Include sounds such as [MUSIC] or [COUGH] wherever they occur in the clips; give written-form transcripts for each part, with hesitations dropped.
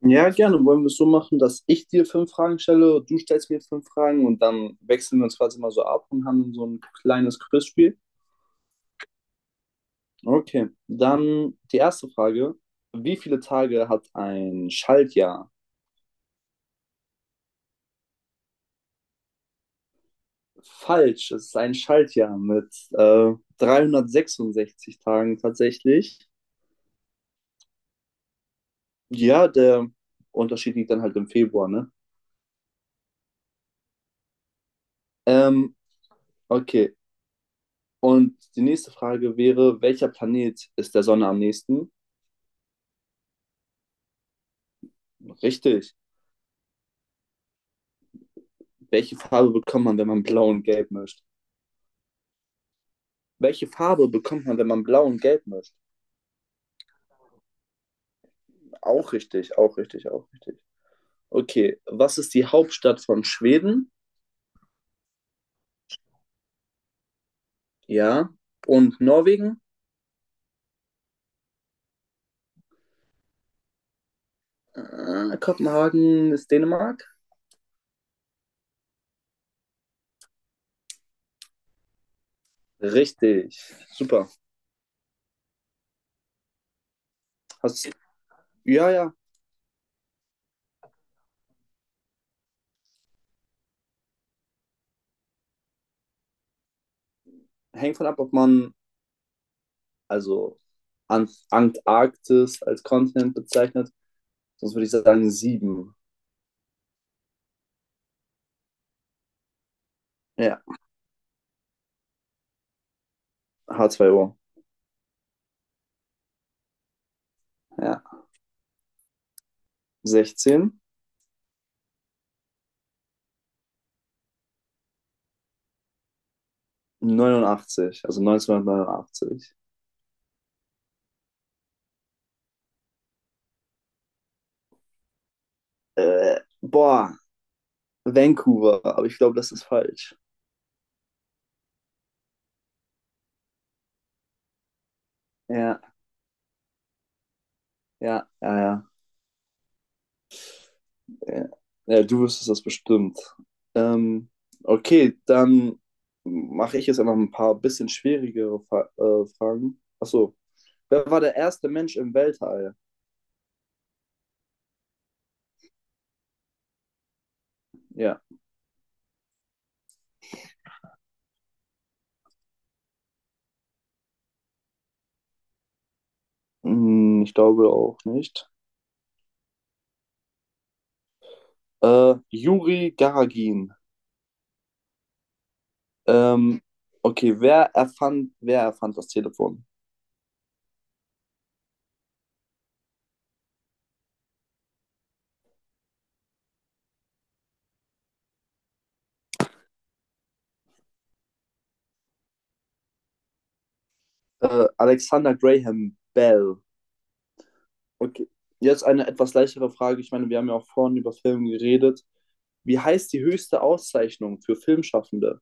Ja, gerne. Wollen wir es so machen, dass ich dir fünf Fragen stelle, du stellst mir jetzt fünf Fragen und dann wechseln wir uns quasi mal so ab und haben dann so ein kleines Quizspiel. Okay, dann die erste Frage. Wie viele Tage hat ein Schaltjahr? Falsch, es ist ein Schaltjahr mit 366 Tagen tatsächlich. Ja, der Unterschied liegt dann halt im Februar, ne? Ähm, okay, und die nächste Frage wäre, welcher Planet ist der Sonne am nächsten? Richtig. Welche Farbe bekommt man, wenn man blau und gelb mischt? Welche Farbe bekommt man, wenn man blau und gelb mischt? Auch richtig, auch richtig, auch richtig. Okay, was ist die Hauptstadt von Schweden? Ja. Und Norwegen? Kopenhagen ist Dänemark? Richtig, super. Hast, ja, ja, hängt von ab, ob man also Antarktis als Kontinent bezeichnet. Sonst würde ich sagen sieben. Ja, H2O. Ja, 16. 89, also 1989. Boah, Vancouver, aber ich glaube, das ist falsch. Ja, ja, ja, ja. Ja, ja du wüsstest das bestimmt. Ähm, okay, dann mache ich jetzt einfach ein paar bisschen schwierigere Fa Fragen. Achso, wer war der erste Mensch im Weltall? Ja, ich glaube auch nicht. Juri Gagarin. Ähm, okay, wer erfand das Telefon? Alexander Graham Bell. Okay. Jetzt eine etwas leichtere Frage. Ich meine, wir haben ja auch vorhin über Filme geredet. Wie heißt die höchste Auszeichnung für Filmschaffende?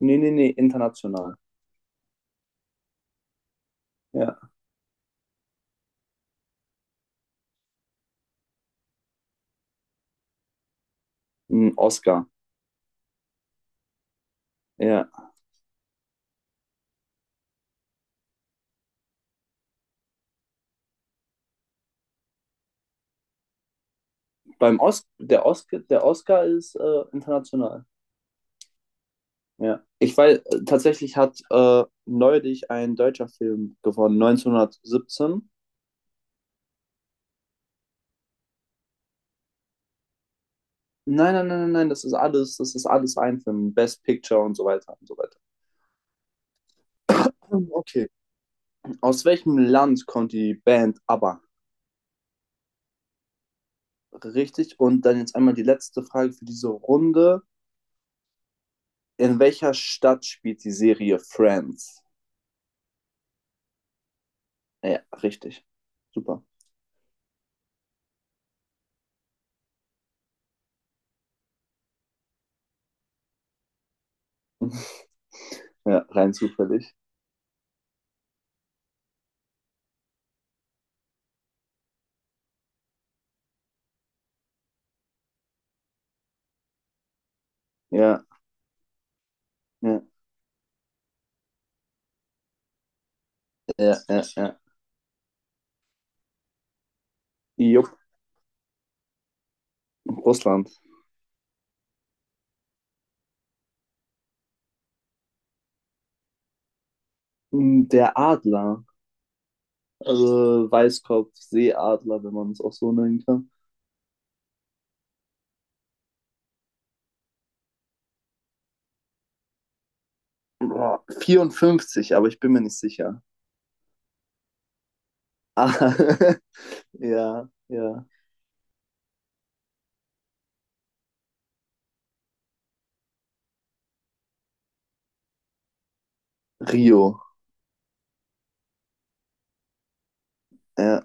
Nee, nee, nee, international. Ja. Ein Oscar. Ja. Beim Os der Oscar ist international. Ja. Ich weiß, tatsächlich hat neulich ein deutscher Film gewonnen, 1917. Nein, nein, nein, nein, nein, das ist alles ein Film. Best Picture und so weiter und so weiter. Okay. Aus welchem Land kommt die Band ABBA? Richtig. Und dann jetzt einmal die letzte Frage für diese Runde. In welcher Stadt spielt die Serie Friends? Ja, richtig. Super. [LAUGHS] Ja, rein zufällig. Ja, ja, ja, ja, ja. Jupp, Russland. Der Adler. Also Weißkopf, Seeadler, wenn man es auch so nennen kann. Boah, 54, aber ich bin mir nicht sicher. Ah, [LAUGHS] ja, ja. Rio. Ja,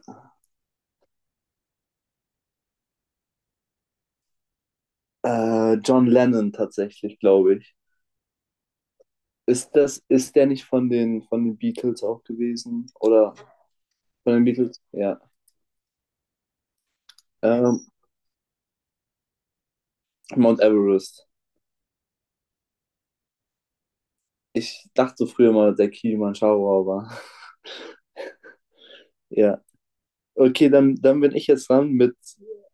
John Lennon tatsächlich, glaube ich. Ist der nicht von den Beatles auch gewesen? Oder von den Beatles? Ja. Ähm, Mount Everest. Ich dachte so früher mal, der Kilimanjaro, aber [LAUGHS] ja. Okay, dann bin ich jetzt dran mit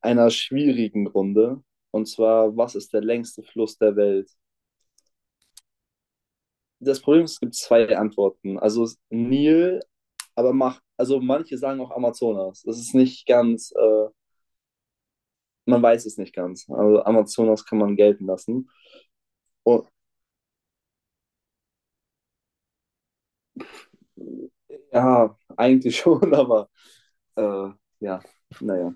einer schwierigen Runde. Und zwar, was ist der längste Fluss der Welt? Das Problem ist, es gibt zwei Antworten. Also Nil, aber also manche sagen auch Amazonas. Das ist nicht ganz man weiß es nicht ganz. Also Amazonas kann man gelten lassen. Und, ja, eigentlich [LAUGHS] schon, aber äh, ja, naja.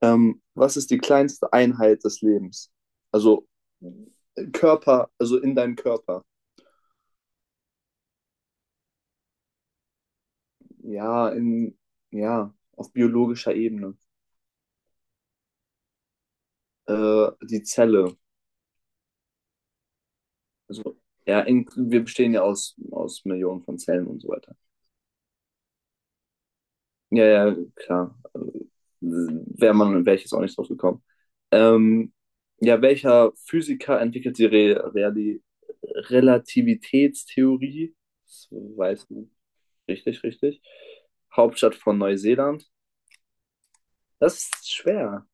Was ist die kleinste Einheit des Lebens? Also Körper, also in deinem Körper. Ja, ja, auf biologischer Ebene. Die Zelle. Also, ja, wir bestehen ja aus Millionen von Zellen und so weiter. Ja, ja, klar. Wäre ich jetzt auch nicht drauf gekommen. Ähm, ja, welcher Physiker entwickelt die Re Reali Relativitätstheorie? Das weiß man. Richtig, richtig. Hauptstadt von Neuseeland. Das ist schwer.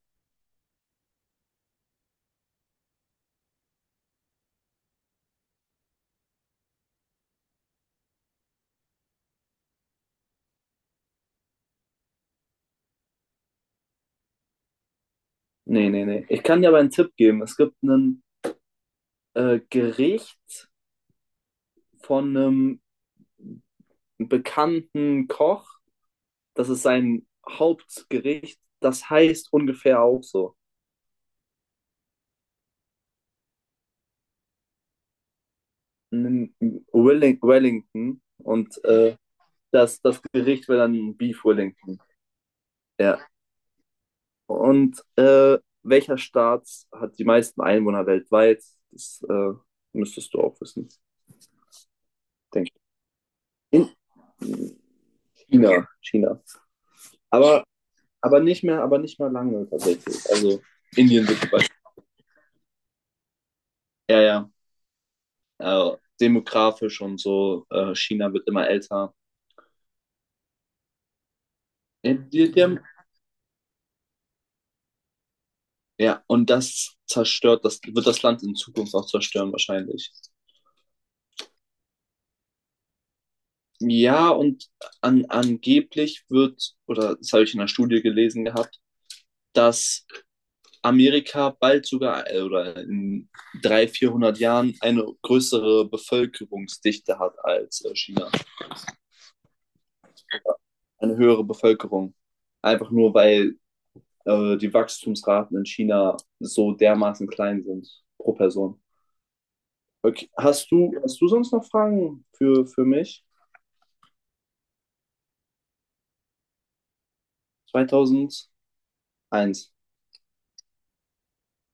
Nee, nee, nee. Ich kann dir aber einen Tipp geben. Es gibt ein Gericht von einem bekannten Koch. Das ist sein Hauptgericht. Das heißt ungefähr auch so. In Wellington und das Gericht wäre dann Beef Wellington. Ja. Und welcher Staat hat die meisten Einwohner weltweit? Das müsstest du auch wissen, denke ich. In China. China. Aber, aber nicht mehr lange tatsächlich. Also Indien wird bald- ja, ja. Also, demografisch und so, China wird immer älter. Die haben. Ja, und das wird das Land in Zukunft auch zerstören wahrscheinlich. Ja, und angeblich wird, oder das habe ich in einer Studie gelesen gehabt, dass Amerika bald sogar oder in 300, 400 Jahren eine größere Bevölkerungsdichte hat als China. Eine höhere Bevölkerung. Einfach nur, weil die Wachstumsraten in China so dermaßen klein sind pro Person. Okay. Hast du sonst noch Fragen für mich? 2001.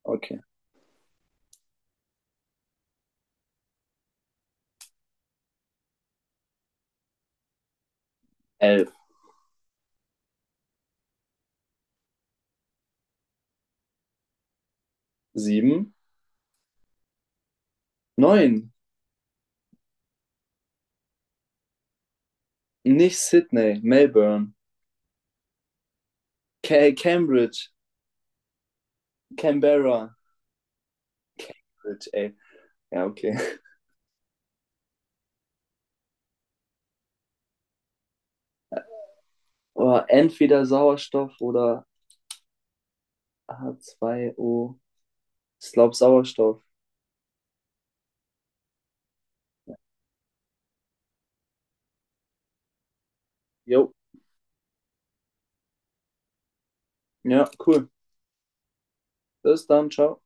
Okay. 11. Sieben. Neun. Nicht Sydney, Melbourne. Cambridge. Canberra. Ey. Ja, okay. [LAUGHS] Oh, entweder Sauerstoff oder H2O. Ich glaube Sauerstoff. Jo. Ja, cool. Bis dann. Ciao.